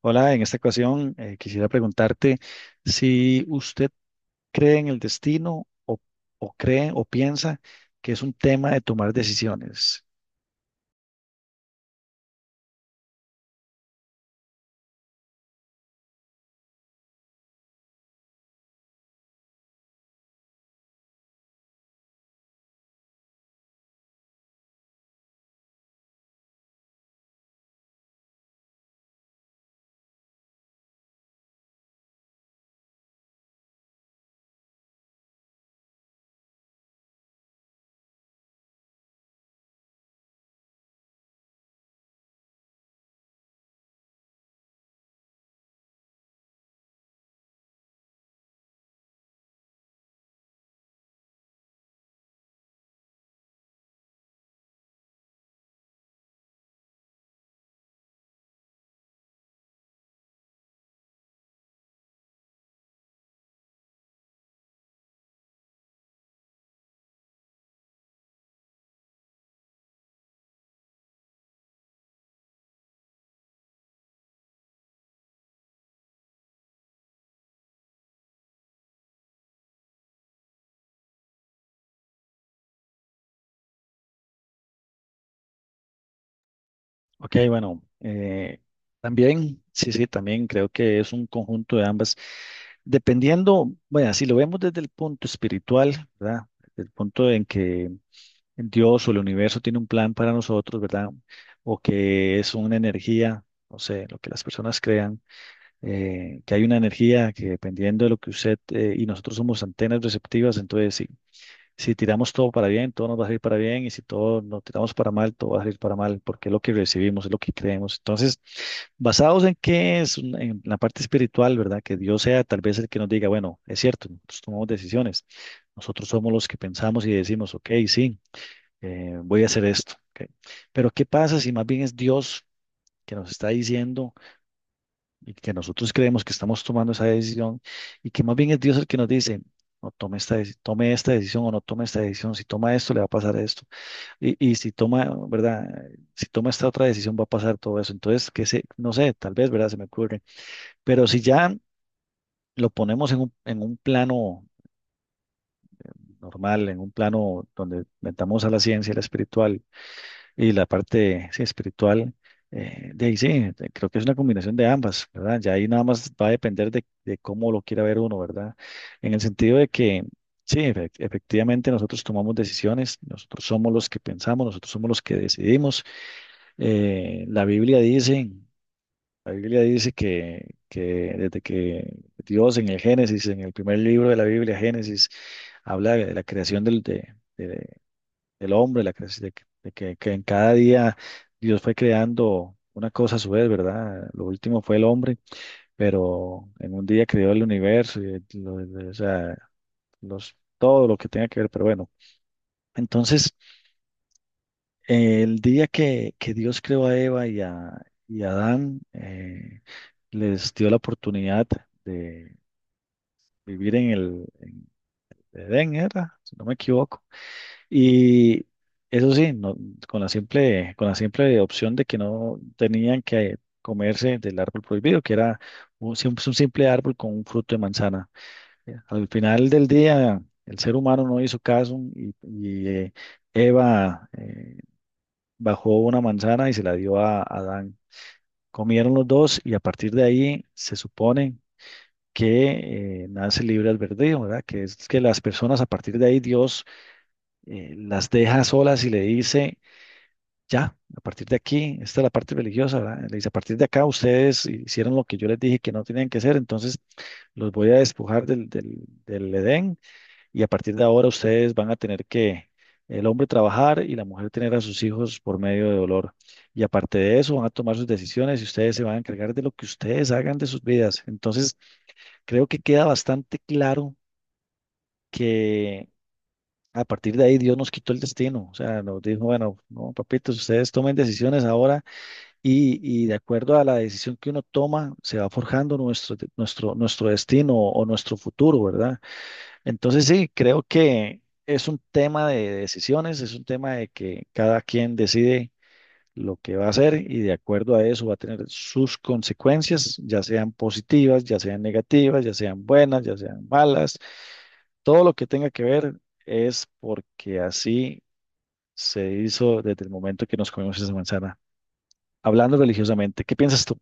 Hola, en esta ocasión quisiera preguntarte si usted cree en el destino o cree o piensa que es un tema de tomar decisiones. Ok, bueno, también, sí, sí, también creo que es un conjunto de ambas. Dependiendo, bueno, si lo vemos desde el punto espiritual, ¿verdad? Desde el punto en que Dios o el universo tiene un plan para nosotros, ¿verdad? O que es una energía, no sé, lo que las personas crean que hay una energía que dependiendo de lo que usted y nosotros somos antenas receptivas, entonces si tiramos todo para bien, todo nos va a salir para bien y si todo nos tiramos para mal, todo va a salir para mal, porque es lo que recibimos, es lo que creemos. Entonces, basados en qué es, en la parte espiritual, ¿verdad? Que Dios sea tal vez el que nos diga, bueno, es cierto, nosotros tomamos decisiones, nosotros somos los que pensamos y decimos, ok, sí, voy a hacer esto. Ok. Pero ¿qué pasa si más bien es Dios que nos está diciendo? Y que nosotros creemos que estamos tomando esa decisión y que más bien es Dios el que nos dice, no tome esta, tome esta decisión o no tome esta decisión, si toma esto le va a pasar esto y si toma, ¿verdad? Si toma esta otra decisión va a pasar todo eso. Entonces, que se, no sé, tal vez, ¿verdad? Se me ocurre, pero si ya lo ponemos en en un plano normal, en un plano donde metamos a la ciencia, y la espiritual, y la parte sí, espiritual, de ahí sí, creo que es una combinación de ambas, ¿verdad? Ya ahí nada más va a depender de cómo lo quiera ver uno, ¿verdad? En el sentido de que, sí, efectivamente nosotros tomamos decisiones, nosotros somos los que pensamos, nosotros somos los que decidimos. Eh, la Biblia dice, la Biblia dice que desde que Dios en el Génesis, en el primer libro de la Biblia, Génesis, habla de la creación del hombre, la cre- de que en cada día Dios fue creando una cosa a su vez, ¿verdad? Lo último fue el hombre, pero en un día creó el universo y o sea, los, todo lo que tenga que ver, pero bueno. Entonces, el día que Dios creó a Eva y a Adán, les dio la oportunidad de vivir en el Edén, ¿era? Si no me equivoco. Y eso sí, con la simple opción de que no tenían que comerse del árbol prohibido, que era un simple árbol con un fruto de manzana. Ya. Al final del día, el ser humano no hizo caso y Eva bajó una manzana y se la dio a Adán. Comieron los dos y a partir de ahí se supone que nace libre albedrío, ¿verdad? Que es que las personas a partir de ahí Dios las deja solas y le dice ya, a partir de aquí, esta es la parte religiosa, ¿verdad? Le dice, a partir de acá ustedes hicieron lo que yo les dije que no tenían que hacer, entonces los voy a despojar del Edén y a partir de ahora ustedes van a tener que, el hombre trabajar y la mujer tener a sus hijos por medio de dolor. Y aparte de eso, van a tomar sus decisiones y ustedes se van a encargar de lo que ustedes hagan de sus vidas. Entonces, creo que queda bastante claro que... A partir de ahí Dios nos quitó el destino, o sea, nos dijo, bueno, no, papitos, ustedes tomen decisiones ahora y, y de acuerdo a la decisión que uno toma, se va forjando nuestro destino o nuestro futuro, ¿verdad? Entonces sí, creo que es un tema de decisiones, es un tema de que cada quien decide lo que va a hacer y de acuerdo a eso va a tener sus consecuencias, ya sean positivas, ya sean negativas, ya sean buenas, ya sean malas. Todo lo que tenga que ver es porque así se hizo desde el momento que nos comimos esa manzana. Hablando religiosamente, ¿qué piensas tú?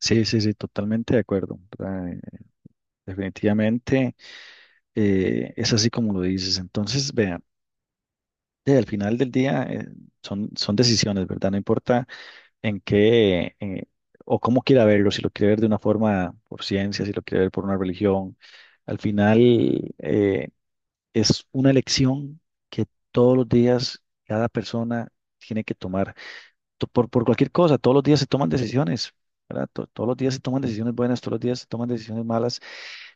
Sí, sí, sí, totalmente de acuerdo. Definitivamente es así como lo dices. Entonces, vean, al final del día son, son decisiones, ¿verdad? No importa en qué o cómo quiera verlo, si lo quiere ver de una forma por ciencia, si lo quiere ver por una religión. Al final, eh, es una elección que todos los días cada persona tiene que tomar. Por cualquier cosa, todos los días se toman decisiones, ¿verdad? Todos los días se toman decisiones buenas, todos los días se toman decisiones malas.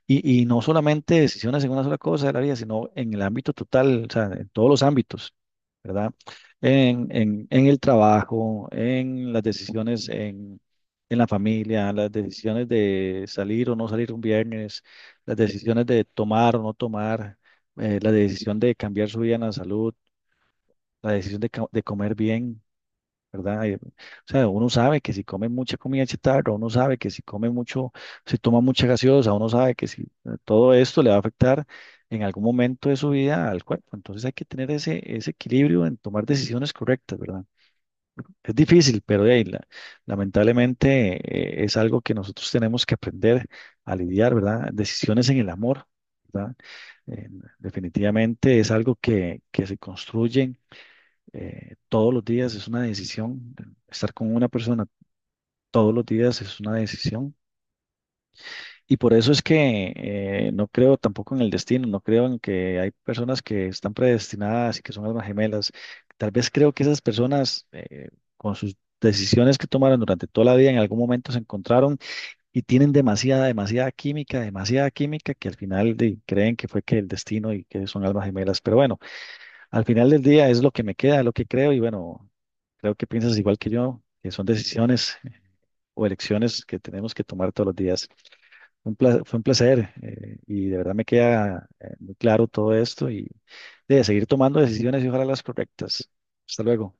Y no solamente decisiones en una sola cosa de la vida, sino en el ámbito total, o sea, en todos los ámbitos, ¿verdad? En en el trabajo, en las decisiones en la familia, las decisiones de salir o no salir un viernes, las decisiones de tomar o no tomar, la decisión de cambiar su vida en la salud, la decisión de, de comer bien. ¿Verdad? O sea, uno sabe que si come mucha comida chatarra, uno sabe que si come mucho, si toma mucha gaseosa, uno sabe que si todo esto le va a afectar en algún momento de su vida al cuerpo. Entonces hay que tener ese, ese equilibrio en tomar decisiones correctas, ¿verdad? Es difícil, pero de ahí, lamentablemente es algo que nosotros tenemos que aprender a lidiar, ¿verdad? Decisiones en el amor. ¿Verdad? Eh, definitivamente es algo que se construye todos los días es una decisión. Estar con una persona todos los días es una decisión. Y por eso es que no creo tampoco en el destino, no creo en que hay personas que están predestinadas y que son almas gemelas. Tal vez creo que esas personas, con sus decisiones que tomaron durante toda la vida, en algún momento se encontraron y tienen demasiada, demasiada química, que al final creen que fue que el destino y que son almas gemelas. Pero bueno. Al final del día es lo que me queda, lo que creo y bueno, creo que piensas igual que yo, que son decisiones o elecciones que tenemos que tomar todos los días. Fue un placer y de verdad me queda muy claro todo esto y de seguir tomando decisiones y ojalá las correctas. Hasta luego.